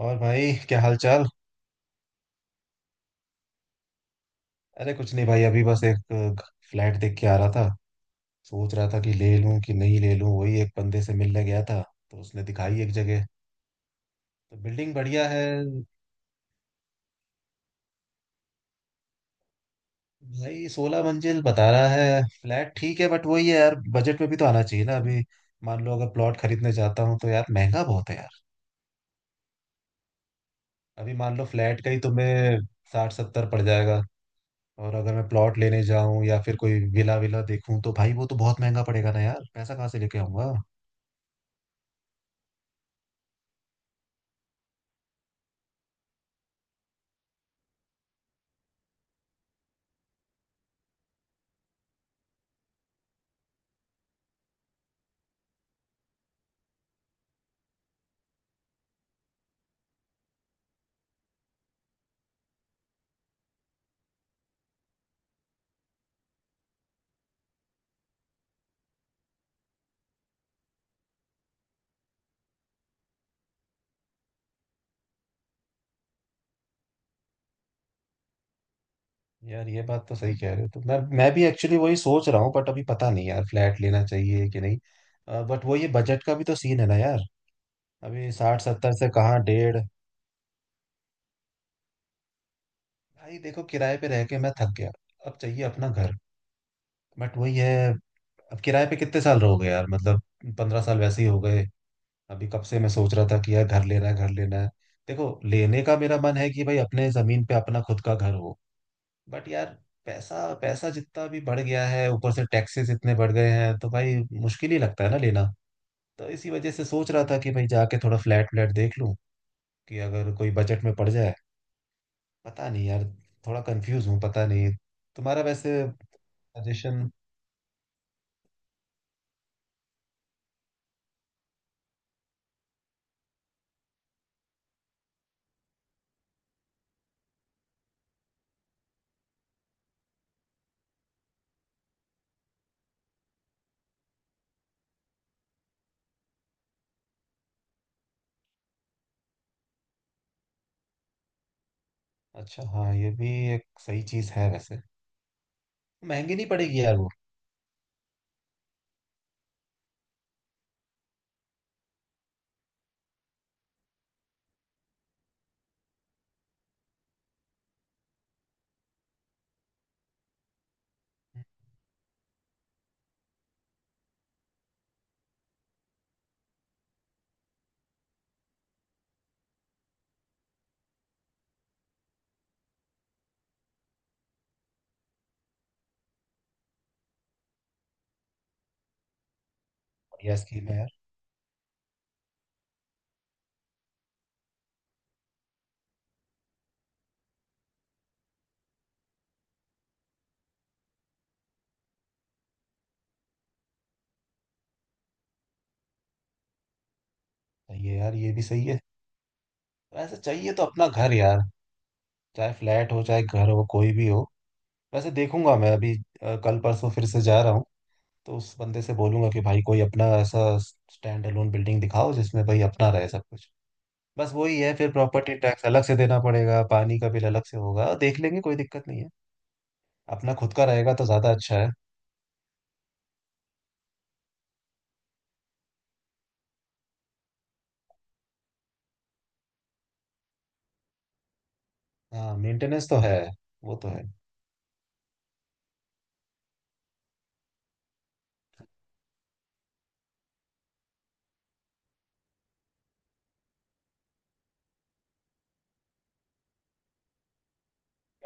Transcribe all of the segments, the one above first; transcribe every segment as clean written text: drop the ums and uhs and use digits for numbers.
और भाई क्या हाल चाल। अरे कुछ नहीं भाई अभी बस एक फ्लैट देख के आ रहा था। सोच रहा था कि ले लूं कि नहीं ले लूं, वही एक बंदे से मिलने गया था। तो उसने दिखाई एक जगह। तो बिल्डिंग बढ़िया है। भाई 16 मंजिल बता रहा है, फ्लैट ठीक है बट वही है यार, बजट में भी तो आना चाहिए ना अभी। मान लो अगर प्लॉट खरीदने जाता हूँ तो यार महंगा बहुत है यार। अभी मान लो फ्लैट का ही तुम्हें साठ सत्तर पड़ जाएगा। और अगर मैं प्लॉट लेने जाऊं या फिर कोई विला विला देखूं तो भाई वो तो बहुत महंगा पड़ेगा ना यार, पैसा कहाँ से लेके आऊंगा। यार ये बात तो सही कह रहे हो, तो मैं भी एक्चुअली वही सोच रहा हूँ, बट अभी पता नहीं यार फ्लैट लेना चाहिए कि नहीं। बट वो ये बजट का भी तो सीन है ना यार। अभी साठ सत्तर से कहाँ डेढ़। भाई देखो, किराए पे रह के मैं थक गया। अब चाहिए अपना घर। बट वही है। अब किराए पे कितने साल रहोगे यार, मतलब। 15 साल वैसे ही हो गए। अभी कब से मैं सोच रहा था कि यार घर लेना है घर लेना है। देखो, लेने का मेरा मन है कि भाई अपने जमीन पे अपना खुद का घर हो। बट यार, पैसा पैसा जितना भी बढ़ गया है, ऊपर से टैक्सेस इतने बढ़ गए हैं तो भाई मुश्किल ही लगता है ना लेना। तो इसी वजह से सोच रहा था कि भाई जाके थोड़ा फ्लैट व्लैट देख लूं कि अगर कोई बजट में पड़ जाए। पता नहीं यार, थोड़ा कंफ्यूज हूँ, पता नहीं। तुम्हारा वैसे सजेशन। अच्छा। हाँ, ये भी एक सही चीज है वैसे। महंगी नहीं पड़ेगी यार वो। बढ़िया स्कीम है यार। सही है यार, ये भी सही है। वैसे चाहिए तो अपना घर यार। चाहे फ्लैट हो चाहे घर हो कोई भी हो। वैसे देखूंगा मैं अभी। कल परसों फिर से जा रहा हूँ। तो उस बंदे से बोलूंगा कि भाई कोई अपना ऐसा स्टैंड अलोन बिल्डिंग दिखाओ जिसमें भाई अपना रहे सब कुछ। बस वही है, फिर प्रॉपर्टी टैक्स अलग से देना पड़ेगा, पानी का बिल अलग से होगा, देख लेंगे कोई दिक्कत नहीं है। अपना खुद का रहेगा तो ज्यादा अच्छा है। हाँ, मेंटेनेंस तो है। वो तो है।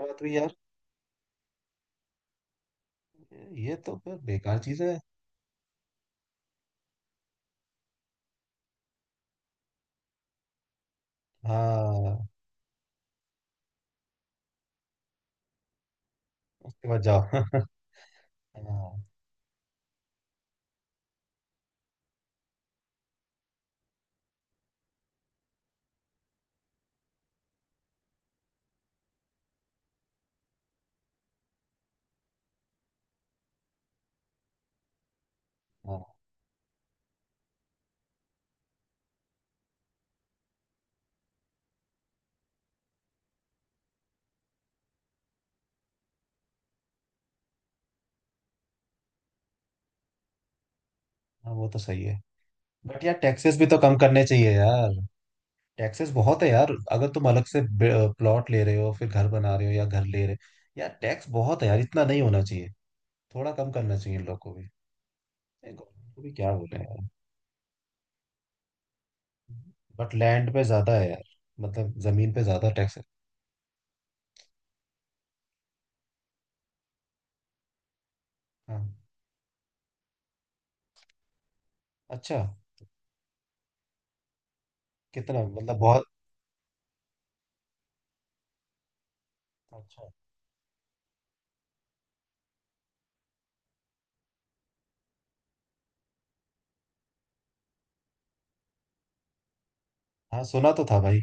ये बात हुई यार। ये तो फिर बेकार चीज है। हाँ, उसके बाद जाओ। हाँ। हाँ हाँ, वो तो सही है। बट यार, टैक्सेस भी तो कम करने चाहिए यार। टैक्सेस बहुत है यार, अगर तुम अलग से प्लॉट ले रहे हो फिर घर बना रहे हो या घर ले रहे हो, यार टैक्स बहुत है यार, इतना नहीं होना चाहिए। थोड़ा कम करना चाहिए इन लोग को भी। नहीं, government को भी क्या बोले यार। बट लैंड पे ज्यादा है यार। मतलब जमीन पे ज्यादा टैक्स है। हाँ। अच्छा। कितना मतलब, बहुत। अच्छा। हाँ, सुना तो था भाई।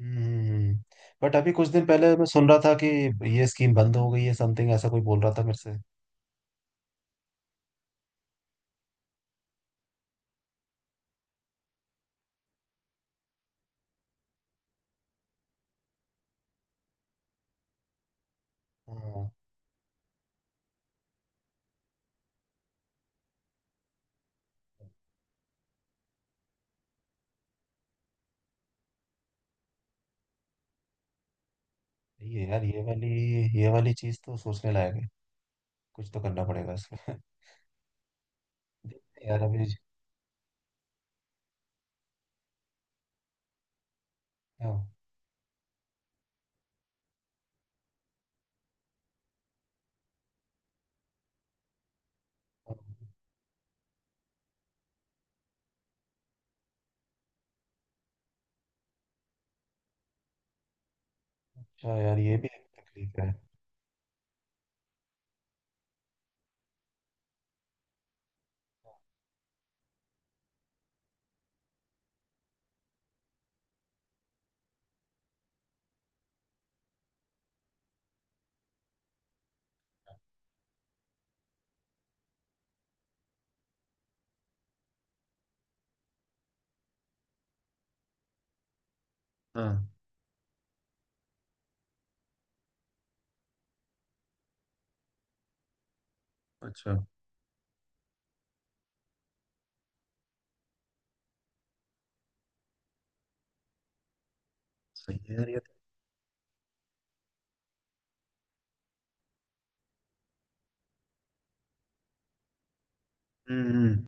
हम्म। बट अभी कुछ दिन पहले मैं सुन रहा था कि ये स्कीम बंद हो गई है, समथिंग ऐसा कोई बोल रहा था मेरे से। हाँ, ये यार, ये वाली चीज तो सोचने लायक है। कुछ तो करना पड़ेगा इसमें। देखते हैं यार अभी। हाँ। अच्छा यार, ये भी एक तकलीफ है। हाँ। अच्छा। सही है यार ये तो। हम्म हम्म।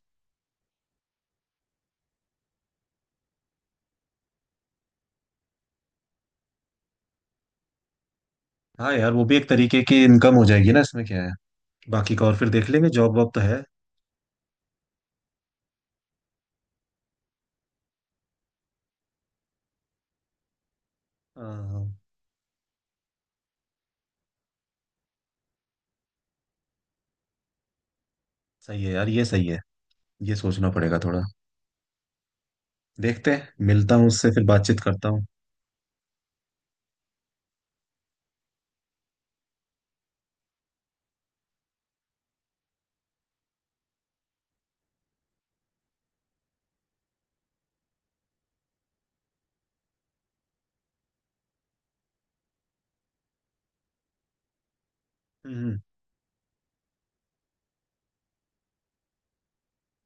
हाँ यार, वो भी एक तरीके की इनकम हो जाएगी ना, इसमें क्या है। बाकी का और फिर देख लेंगे, जॉब वॉब तो है। हाँ हाँ, सही है यार, ये सही है। ये सोचना पड़ेगा थोड़ा। देखते हैं, मिलता हूँ उससे फिर बातचीत करता हूँ। हम्म हम्म।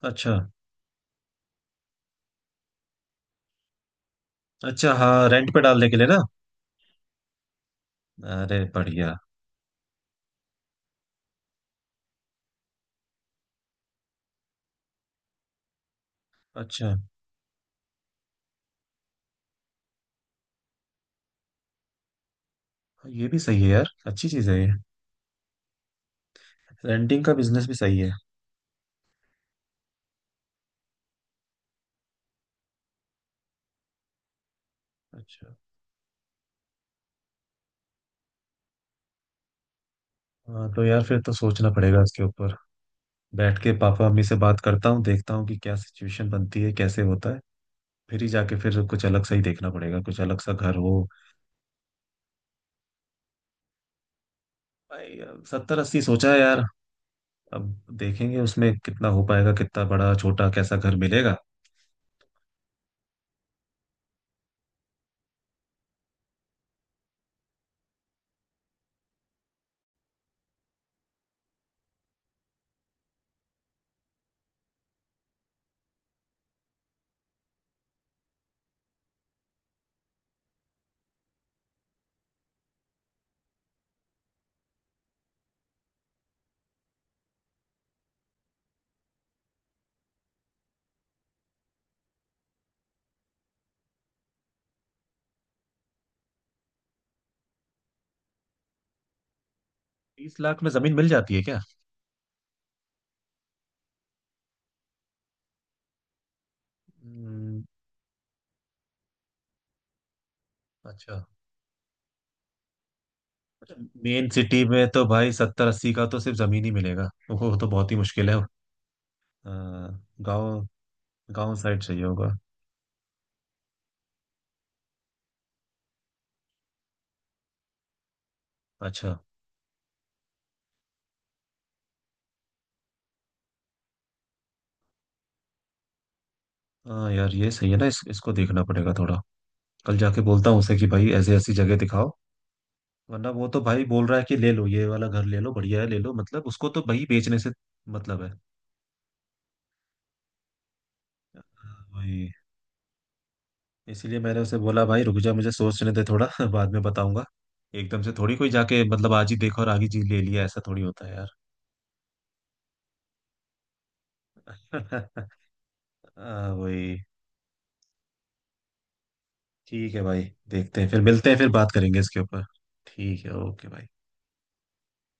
अच्छा। अच्छा, हाँ रेंट पे डालने के लिए ना। अरे बढ़िया। अच्छा, ये भी सही है यार, अच्छी चीज़ है ये। रेंटिंग का बिजनेस भी सही है। अच्छा। हाँ तो यार, फिर तो सोचना पड़ेगा इसके ऊपर। बैठ के पापा मम्मी से बात करता हूँ, देखता हूँ कि क्या सिचुएशन बनती है, कैसे होता है। फिर ही जाके फिर कुछ अलग सा ही देखना पड़ेगा, कुछ अलग सा घर हो। भाई सत्तर अस्सी सोचा है यार। अब देखेंगे उसमें कितना हो पाएगा, कितना बड़ा छोटा कैसा घर मिलेगा। 30 लाख में जमीन मिल जाती है क्या। हम्म, अच्छा। मेन सिटी में तो भाई सत्तर अस्सी का तो सिर्फ जमीन ही मिलेगा, वो तो बहुत ही मुश्किल है। गांव गांव साइड चाहिए होगा। अच्छा। हाँ यार, ये सही है ना, इसको देखना पड़ेगा थोड़ा। कल जाके बोलता हूँ उसे कि भाई ऐसी ऐसी जगह दिखाओ। वरना वो तो भाई बोल रहा है कि ले लो ये वाला घर, ले लो बढ़िया है, ले लो, मतलब उसको तो भाई बेचने से मतलब है। हाँ, वही। इसीलिए मैंने उसे बोला भाई रुक जा, मुझे सोचने दे थोड़ा। बाद में बताऊंगा। एकदम से थोड़ी कोई जाके, मतलब आज ही देखा और आगे जी ले लिया, ऐसा थोड़ी होता है यार। हाँ, वही। ठीक है भाई। देखते हैं, फिर मिलते हैं फिर बात करेंगे इसके ऊपर। ठीक है, ओके भाई।